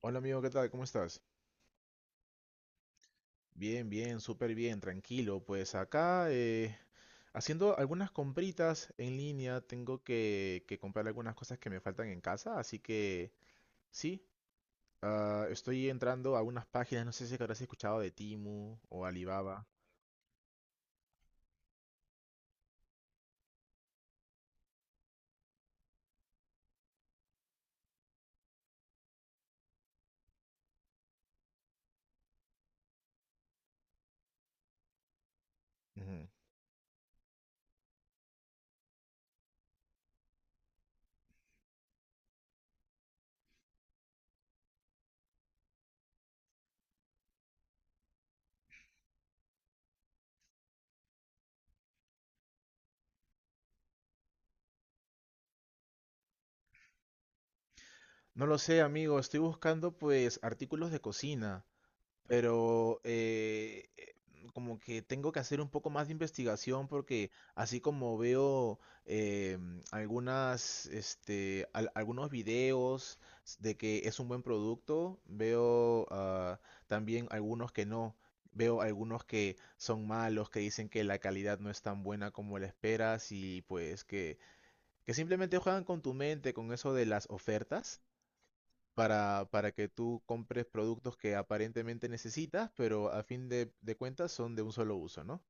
Hola amigo, ¿qué tal? ¿Cómo estás? Bien, bien, súper bien, tranquilo. Pues acá haciendo algunas compritas en línea, tengo que comprar algunas cosas que me faltan en casa, así que sí, estoy entrando a unas páginas, no sé si habrás escuchado de Timu o Alibaba. Ujú. No lo sé, amigo, estoy buscando pues artículos de cocina. Pero como que tengo que hacer un poco más de investigación porque así como veo algunas, este, algunos videos de que es un buen producto, veo también algunos que no. Veo algunos que son malos, que dicen que la calidad no es tan buena como la esperas y pues que simplemente juegan con tu mente, con eso de las ofertas para que tú compres productos que aparentemente necesitas, pero a fin de cuentas son de un solo uso, ¿no?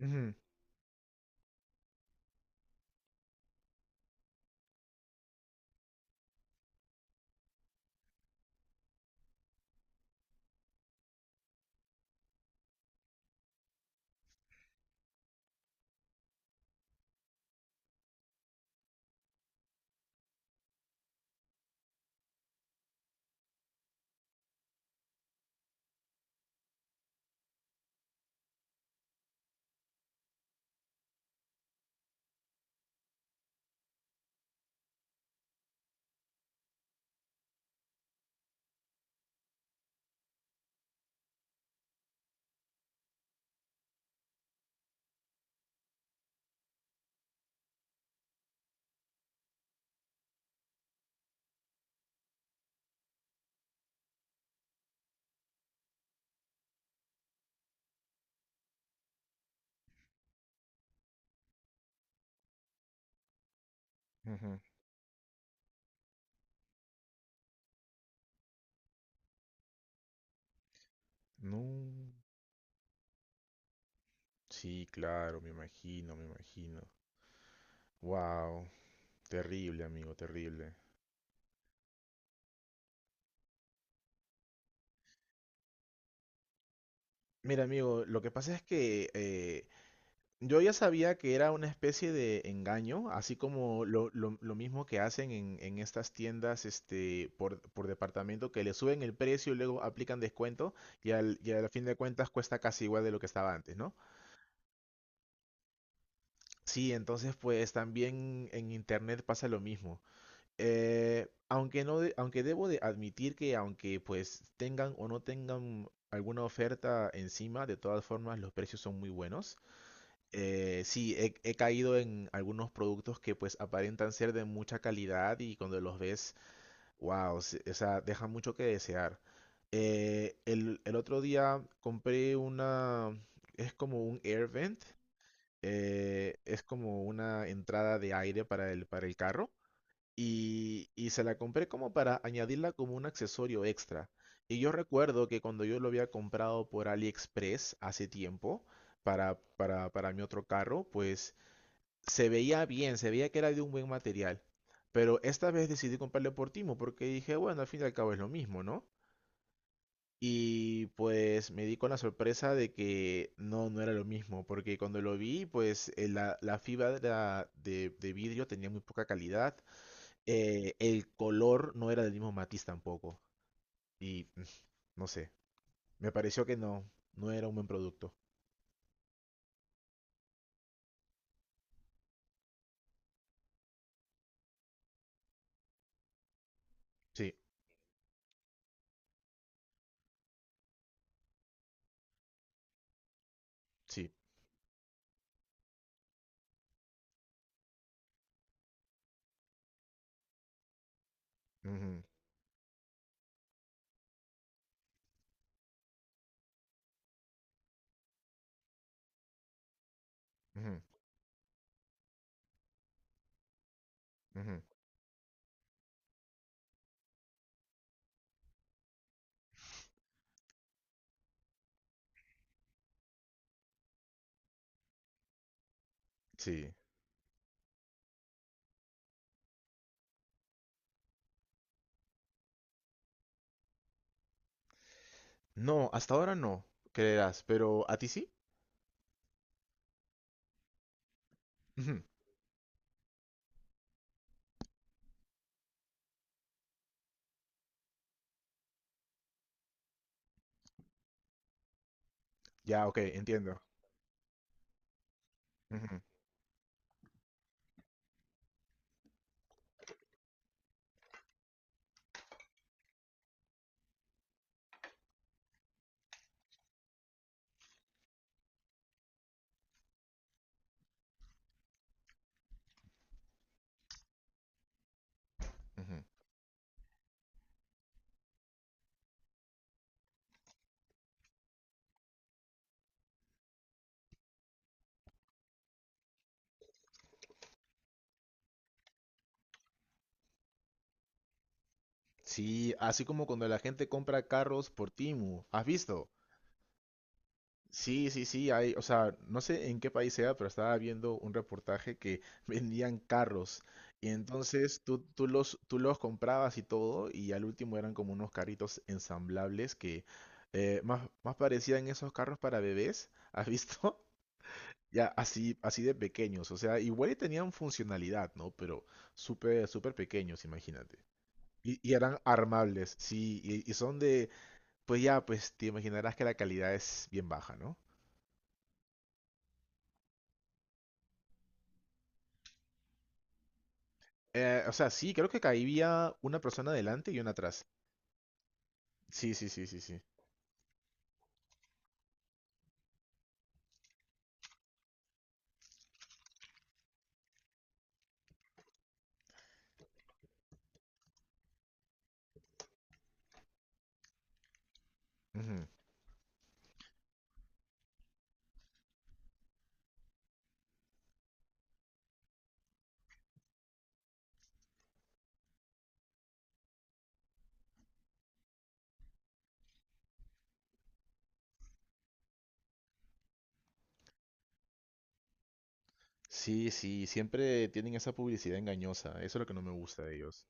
Ujú, ujú. No. Sí, claro, me imagino, me imagino. Wow, terrible, amigo, terrible. Mira, amigo, lo que pasa es que yo ya sabía que era una especie de engaño, así como lo mismo que hacen en estas tiendas este, por departamento, que le suben el precio y luego aplican descuento y al fin de cuentas cuesta casi igual de lo que estaba antes, ¿no? Sí, entonces pues también en internet pasa lo mismo. Aunque no, de- aunque debo de admitir que aunque pues tengan o no tengan alguna oferta encima, de todas formas los precios son muy buenos. Sí, he caído en algunos productos que pues aparentan ser de mucha calidad y cuando los ves, wow, o sea, dejan mucho que desear. El otro día compré una, es como un air vent, es como una entrada de aire para para el carro y se la compré como para añadirla como un accesorio extra. Y yo recuerdo que cuando yo lo había comprado por AliExpress hace tiempo para mi otro carro, pues se veía bien, se veía que era de un buen material. Pero esta vez decidí comprarle por Timo porque dije, bueno, al fin y al cabo es lo mismo, ¿no? Y pues me di con la sorpresa de que no, no era lo mismo, porque cuando lo vi, pues la fibra de vidrio tenía muy poca calidad, el color no era del mismo matiz tampoco, y no sé, me pareció que no, no era un buen producto. Sí, sí, ujú, ujú, ujú, sí. No, hasta ahora no, creerás, pero ¿a ti sí? Ujú. Ya, ok, entiendo. Ujú, ujú. Sí, así como cuando la gente compra carros por Timu. ¿Has visto? Sí, sí, sí, hay, o sea, no sé en qué país sea, pero estaba viendo un reportaje que vendían carros. Y entonces tú los comprabas y todo, y al último eran como unos carritos ensamblables que más parecían esos carros para bebés, ¿has visto? Ya así, así de pequeños, o sea, igual y tenían funcionalidad, ¿no? Pero súper, súper pequeños, imagínate. Y eran armables, sí, y son de, pues ya, pues te imaginarás que la calidad es bien baja, ¿no? O sea, sí, creo que caía una persona adelante y una atrás. Sí, sí, sí, sí, sí. Ujú. Sí, sí, siempre tienen esa publicidad engañosa. Eso es lo que no me gusta de ellos.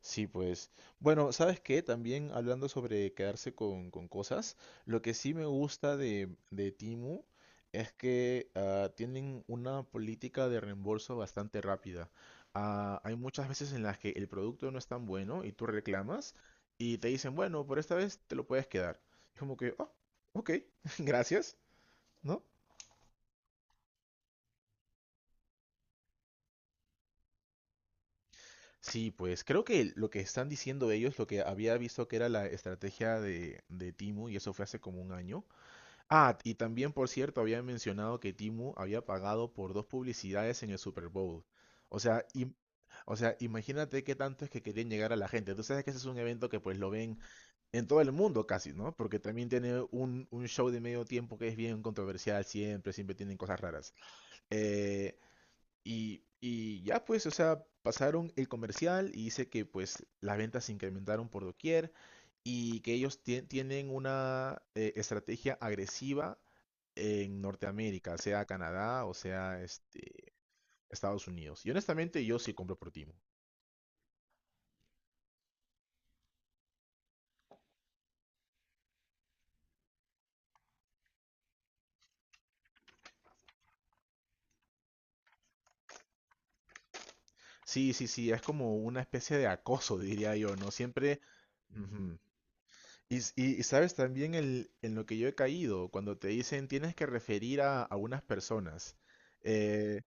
Sí, pues. Bueno, ¿sabes qué? También hablando sobre quedarse con cosas, lo que sí me gusta de Temu es que tienen una política de reembolso bastante rápida. Ah, hay muchas veces en las que el producto no es tan bueno y tú reclamas y te dicen, bueno, por esta vez te lo puedes quedar. Es como que, oh, ok, gracias, ¿no? Sí, pues creo que lo que están diciendo ellos, lo que había visto que era la estrategia de Temu, y eso fue hace como un año. Ah, y también, por cierto, había mencionado que Timu había pagado por dos publicidades en el Super Bowl. O sea, im- o sea, imagínate qué tanto es que querían llegar a la gente. Tú sabes que ese es un evento que pues lo ven en todo el mundo casi, ¿no? Porque también tiene un show de medio tiempo que es bien controversial siempre, siempre tienen cosas raras. Eh, y ya pues, o sea, pasaron el comercial y dice que pues las ventas se incrementaron por doquier y que ellos tienen una estrategia agresiva en Norteamérica, sea Canadá o sea este, Estados Unidos. Y honestamente yo sí compro por Timo. Sí, sí, sí, es como una especie de acoso, diría yo, ¿no? Siempre... Ujú. Y, y sabes también en lo que yo he caído, cuando te dicen tienes que referir a unas personas. Eh,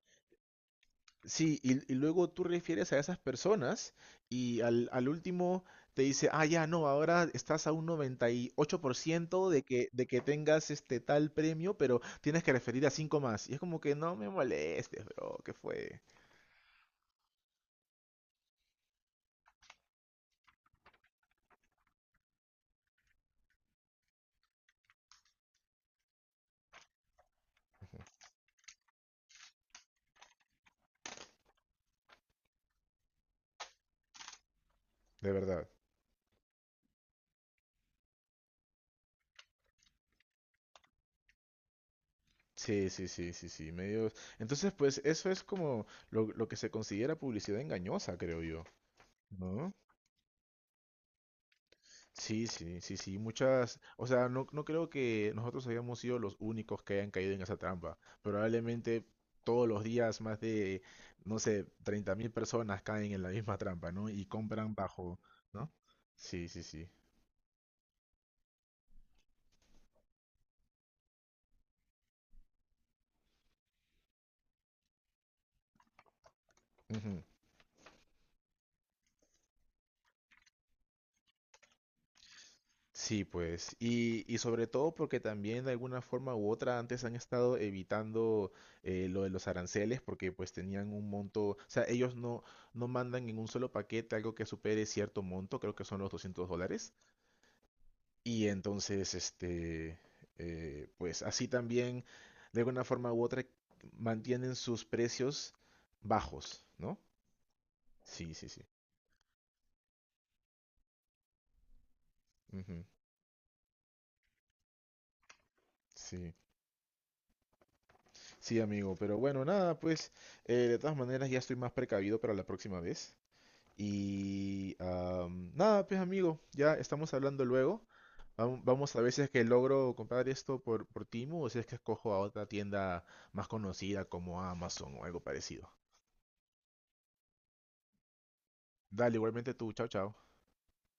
sí, y luego tú refieres a esas personas y al último te dice, ah, ya, no, ahora estás a un 98% de de que tengas este tal premio, pero tienes que referir a cinco más. Y es como que no me molestes, bro, ¿qué fue? De verdad. Sí, sí, sí, sí, sí, medio... Entonces, pues eso es como lo que se considera publicidad engañosa, creo yo, ¿no? Sí, sí, sí, sí, muchas, o sea, no, no creo que nosotros hayamos sido los únicos que hayan caído en esa trampa. Probablemente todos los días más de, no sé, 30.000 personas caen en la misma trampa, ¿no? Y compran bajo, ¿no? Sí, sí, sí. Ujú. Sí, pues, y sobre todo porque también de alguna forma u otra antes han estado evitando lo de los aranceles porque pues tenían un monto, o sea, ellos no, no mandan en un solo paquete algo que supere cierto monto, creo que son los $200. Y entonces, este, pues así también, de alguna forma u otra, mantienen sus precios bajos, ¿no? Sí, sí, sí. Ujú. Sí, sí, amigo. Pero bueno, nada, pues, de todas maneras ya estoy más precavido para la próxima vez. Y am, nada, pues, amigo, ya estamos hablando luego. Vamos a ver si es que logro comprar esto por Temu o si es que escojo a otra tienda más conocida como Amazon o algo parecido. Dale, igualmente tú. Chao, chao.